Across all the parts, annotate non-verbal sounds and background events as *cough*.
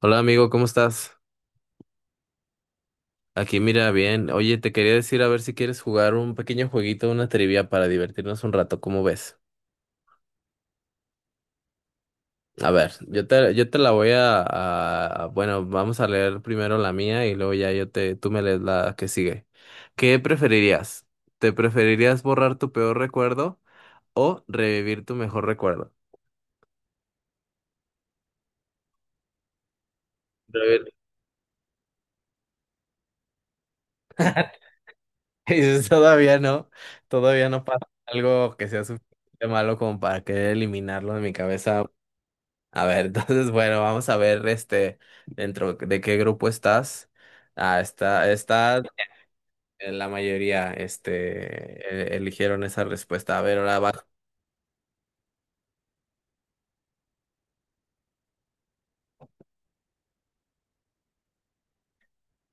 Hola amigo, ¿cómo estás? Aquí mira bien. Oye, te quería decir a ver si quieres jugar un pequeño jueguito, una trivia para divertirnos un rato, ¿cómo ves? A ver, yo te la voy bueno, vamos a leer primero la mía y luego ya tú me lees la que sigue. ¿Qué preferirías? ¿Te preferirías borrar tu peor recuerdo o revivir tu mejor recuerdo? Revivir. *laughs* Y dices, todavía no pasa algo que sea suficiente malo como para querer eliminarlo de mi cabeza. A ver, *laughs* entonces, bueno, vamos a ver este dentro de qué grupo estás. Ah, está la mayoría, este, eligieron esa respuesta. A ver, ahora abajo.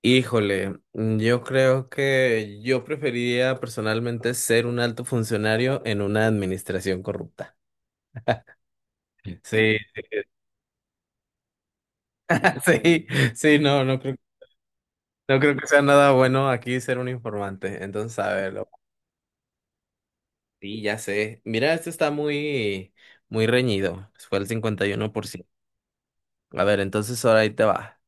Híjole, yo creo que yo preferiría personalmente ser un alto funcionario en una administración corrupta. Sí, *laughs* sí, sí, no, no creo que sea nada bueno aquí ser un informante. Entonces, a ver, sí, ya sé. Mira, este está muy, muy reñido. Fue el 51%. A ver, entonces ahora ahí te va.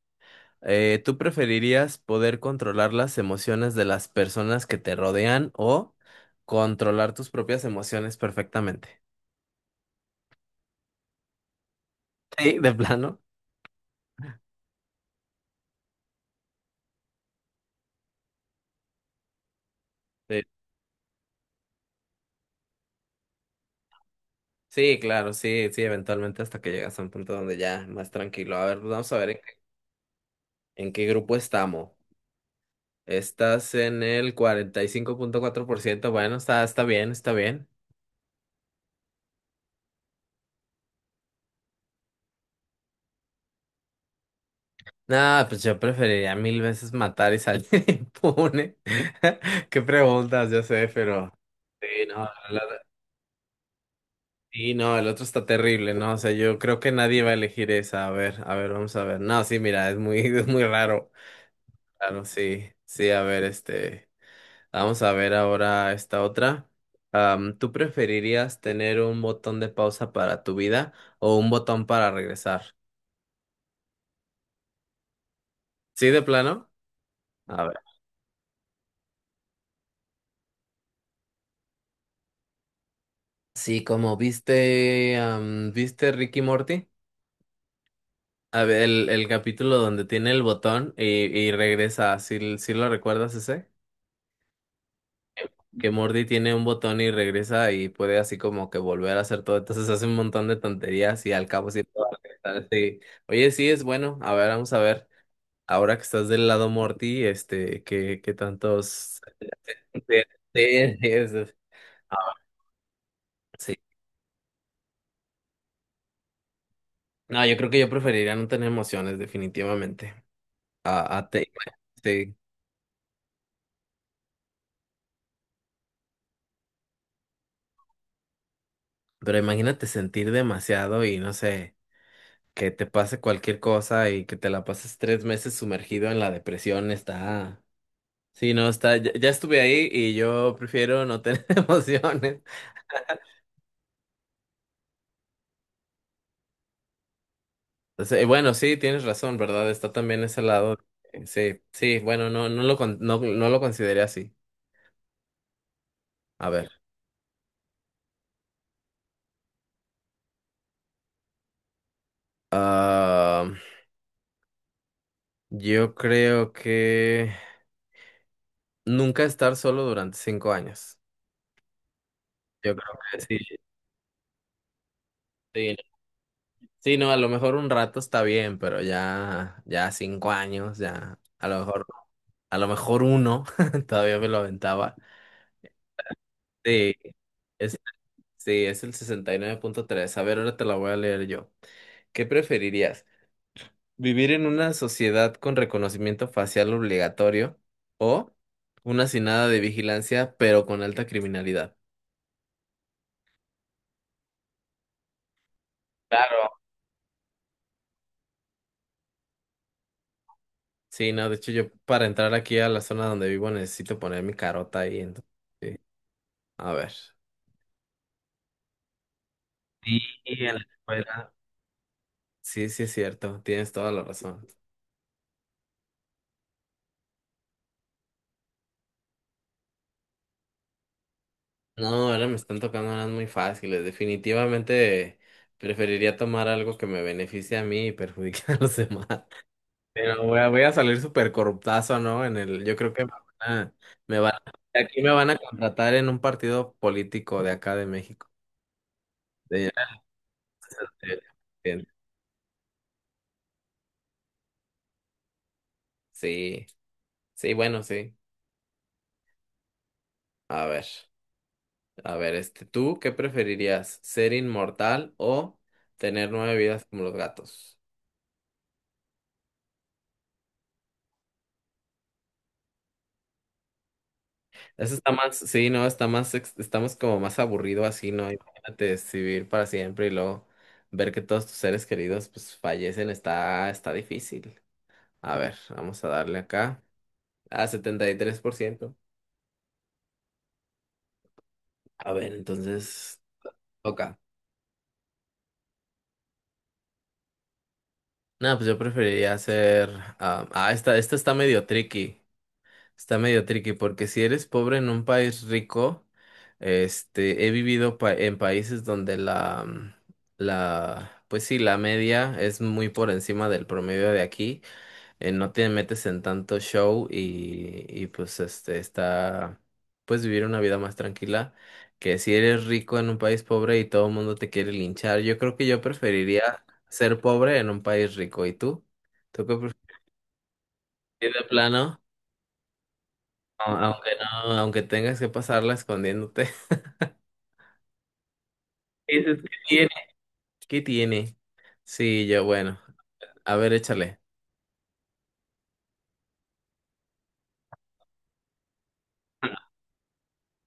¿Tú preferirías poder controlar las emociones de las personas que te rodean o controlar tus propias emociones perfectamente? *laughs* Sí, de plano. Sí, sí, claro, sí, sí, eventualmente hasta que llegas a un punto donde ya más tranquilo. A ver, vamos a ver en qué grupo estamos. Estás en el 45.4%. Bueno, está bien, está bien. No, pues yo preferiría mil veces matar y salir *laughs* impune. *laughs* Qué preguntas, yo sé, pero... Sí, no, la- sí, no, el otro está terrible, ¿no? O sea, yo creo que nadie va a elegir esa. A ver, vamos a ver. No, sí, mira, es muy, *laughs* es muy raro. Claro, sí, sí, a ver, este. Vamos a ver ahora esta otra. ¿Tú preferirías tener un botón de pausa para tu vida o un botón para regresar? ¿Sí, de plano? A ver. Sí, como viste, ¿viste Ricky Morty? A ver, el capítulo donde tiene el botón y regresa, ¿sí, sí lo recuerdas ese? Que Morty tiene un botón y regresa y puede así como que volver a hacer todo. Entonces hace un montón de tonterías y al cabo sí lo va a regresar. Sí. Oye, sí, es bueno. A ver, vamos a ver. Ahora que estás del lado Morty, este, ¿qué tantos... Sí, sí, es- sí. No, yo creo que yo preferiría no tener emociones, definitivamente. Bueno, sí. Pero imagínate sentir demasiado y no sé, que te pase cualquier cosa y que te la pases 3 meses sumergido en la depresión, está. Sí, no, está. Ya estuve ahí y yo prefiero no tener *laughs* emociones. Entonces, bueno, sí, tienes razón, ¿verdad? Está también ese lado. Sí, sí, bueno, no, no lo consideré así. A ver. ah, yo creo que nunca estar solo durante 5 años. Yo creo que sí. Sí, sí, no, a lo mejor un rato está bien, pero ya, ya 5 años, ya, a lo mejor uno, *laughs* todavía me lo aventaba. Sí, es, sí, es el 69.3. A ver, ahora te la voy a leer yo. ¿Qué preferirías? ¿Vivir en una sociedad con reconocimiento facial obligatorio o una sin nada de vigilancia, pero con alta criminalidad? Claro. Sí, no, de hecho yo para entrar aquí a la zona donde vivo necesito poner mi carota ahí, entonces, sí. A ver. Sí, en la escuela. Sí, sí, es cierto, tienes toda la razón. No, ahora me están tocando unas muy fáciles. Definitivamente preferiría tomar algo que me beneficie a mí y perjudique *laughs* a los demás. Pero voy a salir súper corruptazo, ¿no? Yo creo que van a, aquí me van a contratar en un partido político de acá de México. De- de- de- sí, sí, bueno, sí. A ver. A ver, este, ¿tú qué preferirías? ¿Ser inmortal o tener nueve vidas como los gatos? Eso está más, sí, no, está más, estamos como más aburrido así, ¿no? Imagínate vivir para siempre y luego ver que todos tus seres queridos pues fallecen, está difícil. A ver, vamos a darle acá a 73%. A ver, entonces, toca. No, pues yo preferiría ser, esta está medio tricky. Está medio tricky porque si eres pobre en un país rico, este, he vivido en países donde pues sí, la media es muy por encima del promedio de aquí, no te metes en tanto show y pues puedes vivir una vida más tranquila que si eres rico en un país pobre y todo el mundo te quiere linchar. Yo creo que yo preferiría ser pobre en un país rico. ¿Y tú? ¿Tú qué prefieres de plano? Aunque no, aunque tengas que pasarla escondiéndote. *laughs* Dices, ¿qué tiene? ¿Qué tiene? Sí, yo, bueno, a ver, échale.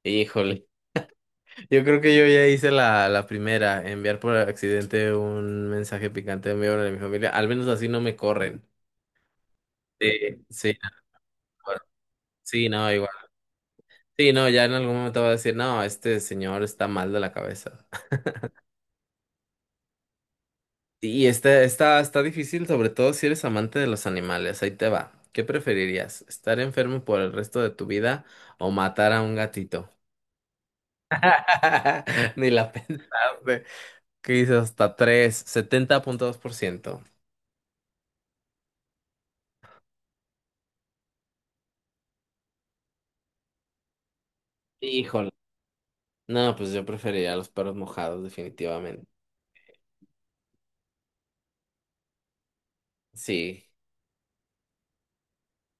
Híjole, yo creo que yo ya hice la primera, enviar por accidente un mensaje picante de mi hora de mi familia, al menos así no me corren. Sí, sí, no, bueno, sí, no, igual. Sí, no, ya en algún momento va a decir, no, este señor está mal de la cabeza. Y está difícil, sobre todo si eres amante de los animales. Ahí te va. ¿Qué preferirías? ¿Estar enfermo por el resto de tu vida o matar a un gatito? *laughs* Ni la pensaste. ¿Qué hizo? Hasta tres 70.2%. Híjole. No, pues yo preferiría los perros mojados, definitivamente. Sí.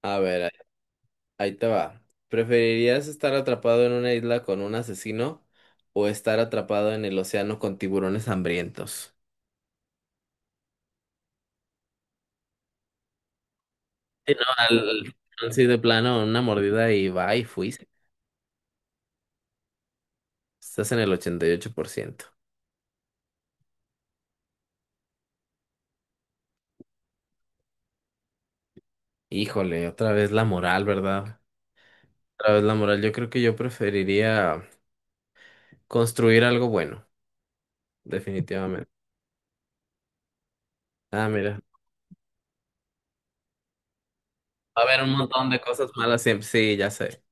A ver, ahí te va. ¿Preferirías estar atrapado en una isla con un asesino o estar atrapado en el océano con tiburones hambrientos? Sí, no, sí, de plano, una mordida y va y fuiste. Estás en el 88%. Híjole, otra vez la moral, ¿verdad? Otra vez la moral. Yo creo que yo preferiría construir algo bueno, definitivamente. Ah, mira. Va a haber un montón de cosas malas siempre. Sí, ya sé.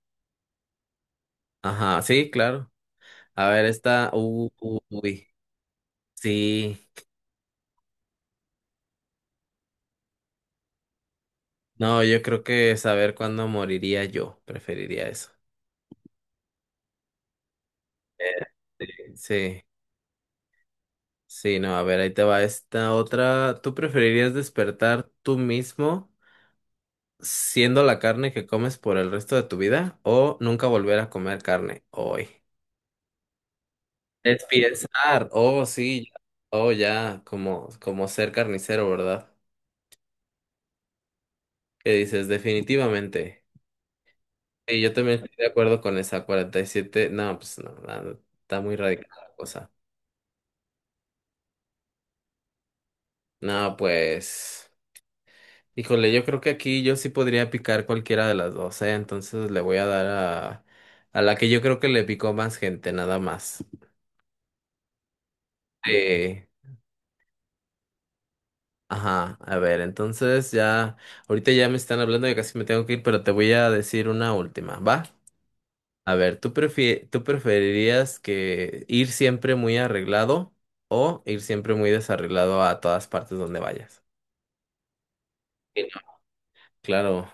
Ajá, sí, claro. A ver, esta. Uy, sí. No, yo creo que saber cuándo moriría yo. Preferiría eso. Eh, sí. Sí. Sí, no, a ver, ahí te va esta otra. ¿Tú preferirías despertar tú mismo siendo la carne que comes por el resto de tu vida o nunca volver a comer carne hoy? Es pensar, oh sí, oh ya, como ser carnicero, ¿verdad? ¿Qué dices? Definitivamente. Y yo también estoy de acuerdo con esa 47. No, pues no, no, está muy radical la cosa. No, pues. Híjole, yo creo que aquí yo sí podría picar cualquiera de las dos, ¿eh? Entonces le voy a dar a la que yo creo que le picó más gente, nada más. Eh, ajá, a ver, entonces ya, ahorita ya me están hablando, y casi me tengo que ir, pero te voy a decir una última, ¿va? A ver, ¿tú tú preferirías que ir siempre muy arreglado o ir siempre muy desarreglado a todas partes donde vayas? Sí, no. Claro,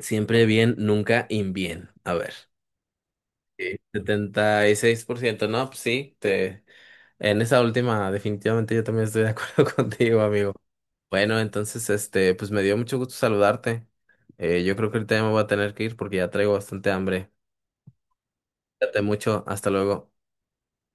siempre bien, nunca in bien. A ver. Sí. 76%. No, pues sí, en esa última definitivamente yo también estoy de acuerdo *laughs* contigo, amigo. Bueno, entonces, este, pues me dio mucho gusto saludarte. Yo creo que ahorita ya me voy a tener que ir porque ya traigo bastante hambre. Cuídate mucho, hasta luego.